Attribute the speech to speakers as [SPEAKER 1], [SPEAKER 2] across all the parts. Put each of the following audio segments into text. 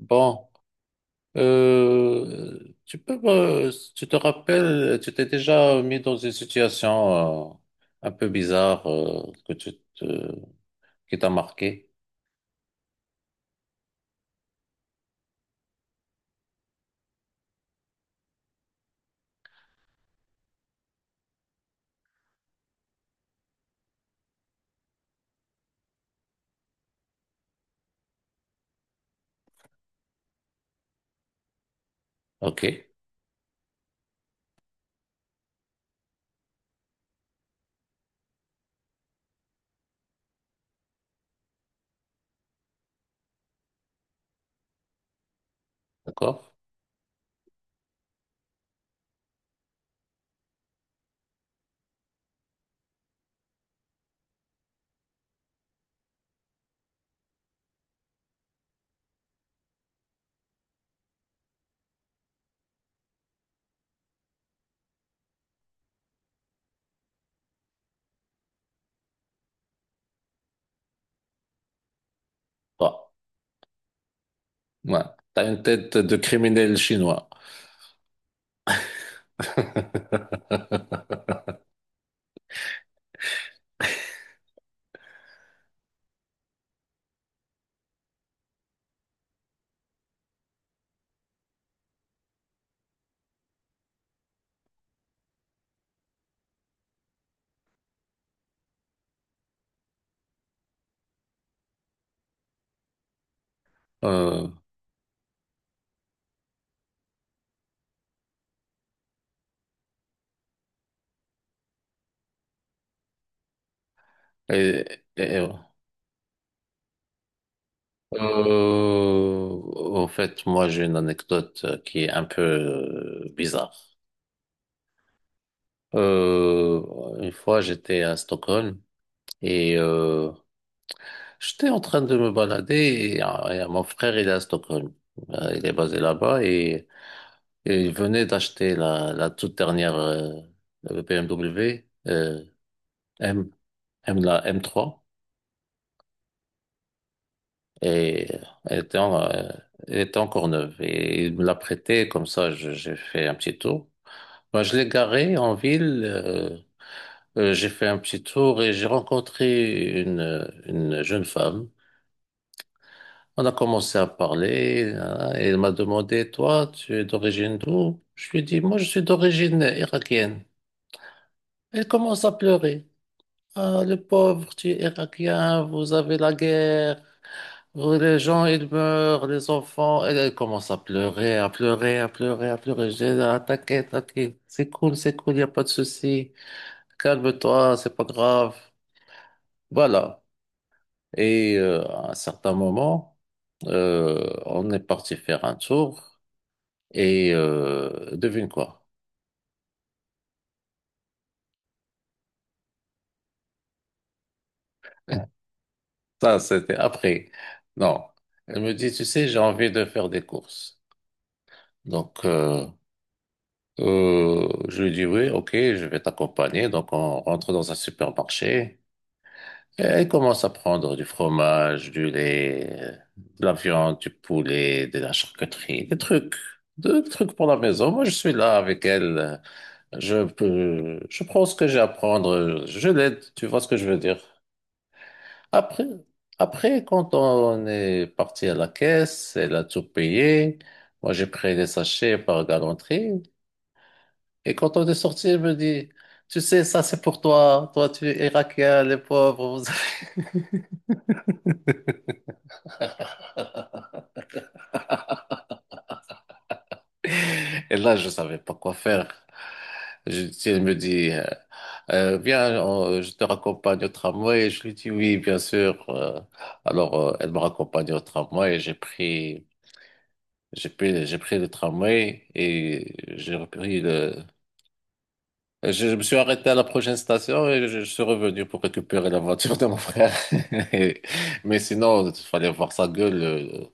[SPEAKER 1] Bon, tu peux, tu te rappelles, tu t'es déjà mis dans une situation un peu bizarre qui t'a marqué. Ok, d'accord. Bon, ouais, t'as une tête de criminel chinois. Euh, et, et- Euh, En fait, moi, j'ai une anecdote qui est un peu bizarre. Euh, une fois, j'étais à Stockholm et j'étais en train de me balader et mon frère, il est à Stockholm. Il est basé là-bas et il venait d'acheter la toute dernière BMW M, la M3, et elle était, en- euh, elle était encore neuve et il me l'a prêtée comme ça, j'ai fait un petit tour. Moi, je l'ai garé en ville. J'ai fait un petit tour et j'ai rencontré une jeune femme. On a commencé à parler, hein, et elle m'a demandé, toi, tu es d'origine d'où? Je lui ai dit, moi, je suis d'origine irakienne. Elle commence à pleurer. Ah, le pauvre, tu es irakien, vous avez la guerre. Les gens, ils meurent, les enfants. Elle commence à pleurer, à pleurer, à pleurer, à pleurer. Je dis, ah, t'inquiète, t'inquiète. C'est cool, il n'y a pas de souci. Calme-toi, c'est pas grave. Voilà. Et à un certain moment, on est parti faire un tour et devine quoi? Ça, c'était après. Non. Elle me dit, tu sais, j'ai envie de faire des courses. Donc, je lui dis, oui, ok, je vais t'accompagner. Donc, on rentre dans un supermarché. Elle commence à prendre du fromage, du lait, de la viande, du poulet, de la charcuterie, des trucs pour la maison. Moi, je suis là avec elle. Je prends ce que j'ai à prendre. Je l'aide. Tu vois ce que je veux dire? Après, après, quand on est parti à la caisse, elle a tout payé. Moi, j'ai pris les sachets par galanterie. Et quand on est sorti, elle me dit, tu sais, ça, c'est pour toi. Toi, tu es irakien, les pauvres, vous avez. Et là, je savais pas quoi faire. Je, si Elle me dit, viens, je te raccompagne au tramway. Je lui dis oui, bien sûr. Alors, elle me raccompagne au tramway. J'ai pris le tramway et j'ai repris le. Je me suis arrêté à la prochaine station et je suis revenu pour récupérer la voiture de mon frère. Et- mais sinon, il fallait voir sa gueule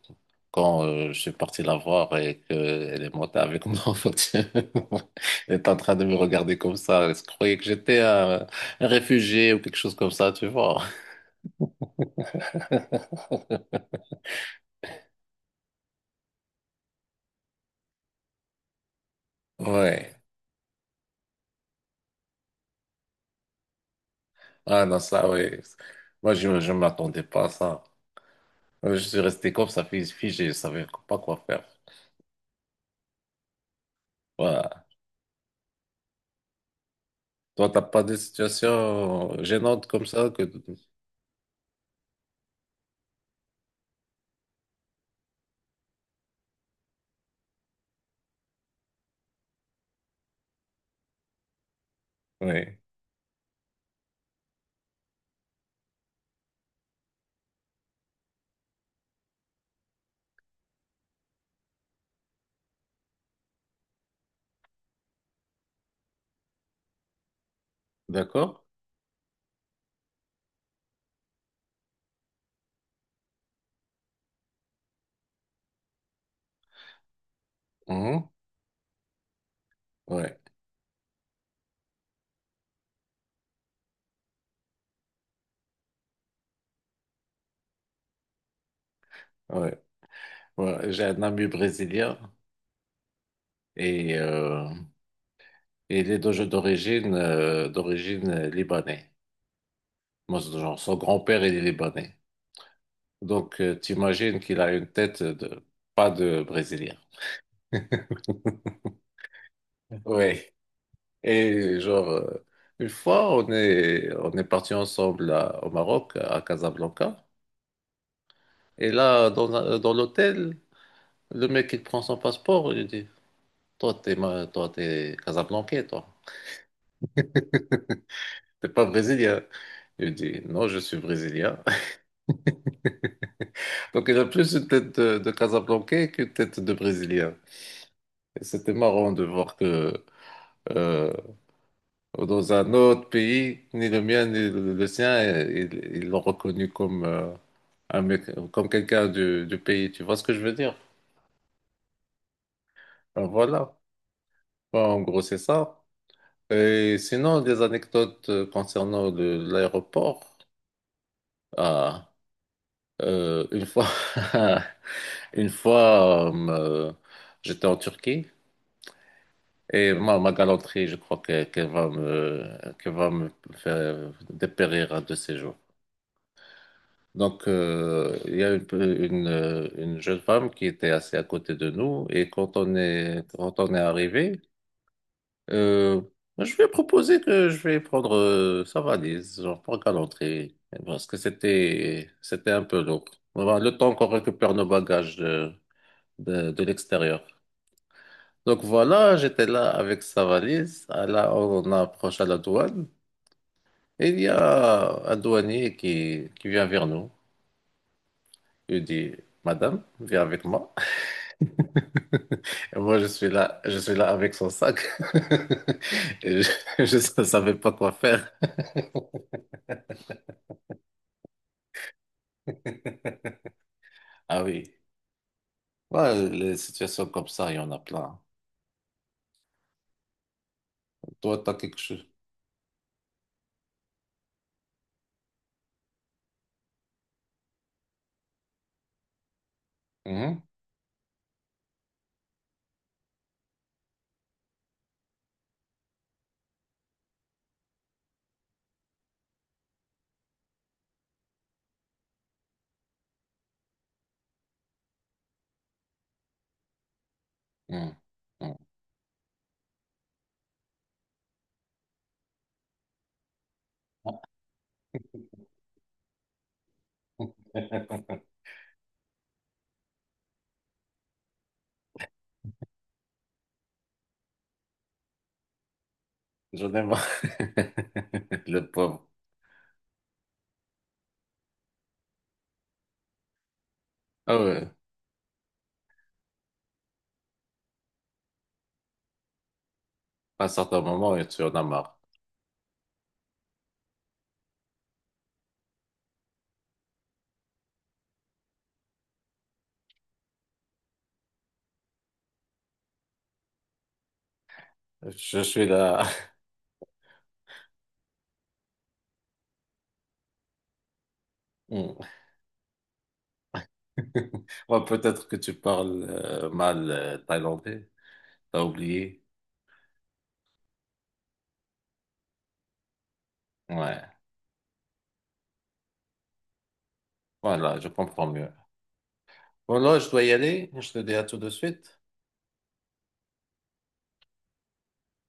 [SPEAKER 1] quand je suis parti la voir et qu'elle est montée avec moi en fait. Elle est en train de me regarder comme ça. Elle se croyait que j'étais un réfugié ou quelque chose comme ça, tu vois. Ouais. Ah non, ça, ouais. Moi, je ne m'attendais pas à ça. Je suis resté comme ça, figé. Je savais pas quoi faire. Voilà. Toi, t'as pas des situations gênantes comme ça que... Oui, d'accord? Mhm. Ouais. Ouais. Ouais. J'ai un ami brésilien et... et il est d'origine d'origine libanais. Moi, c'est genre, son grand-père, il est libanais. Donc, t'imagines qu'il a une tête de pas de Brésilien. Oui. Et genre, une fois, on est parti ensemble au Maroc, à Casablanca. Et là, dans l'hôtel, le mec, il prend son passeport. Il dit, toi, toi, t'es Casablancais, toi. T'es pas brésilien. Il dit, non, je suis brésilien. Donc il a plus une tête de Casablanca qu'une tête de Brésilien. Et c'était marrant de voir que euh, dans un autre pays, ni le mien ni le sien, ils l'ont reconnu comme, un mec, comme quelqu'un du pays. Tu vois ce que je veux dire? Ben voilà. Ben, en gros, c'est ça. Et sinon, des anecdotes concernant l'aéroport. Ah, une fois, une fois j'étais en Turquie. Et ma galanterie, je crois qu'elle va me faire dépérir un de ces jours. Donc, il y a une jeune femme qui était assise à côté de nous et quand on est arrivé, euh, je lui ai proposé que je vais prendre sa valise, genre pour galanterie, parce que c'était un peu lourd. Voilà, le temps qu'on récupère nos bagages de l'extérieur. Donc voilà, j'étais là avec sa valise. Ah, là, on approche à la douane. Et il y a un douanier qui vient vers nous. Il dit, madame, viens avec moi. Et moi, je suis là avec son sac. Et je ne savais pas quoi faire. Ah oui. Ouais, les situations comme ça, il y en a plein. Toi, t'as quelque chose. Mhm. Mhm. Mhm. J'en ai marre. Le pauvre. Ah ouais. À un certain moment, tu en as marre. Je suis là. Ouais, peut-être que tu parles mal thaïlandais. T'as oublié. Ouais. Voilà, je comprends mieux. Bon, là, je dois y aller. Je te dis à tout de suite.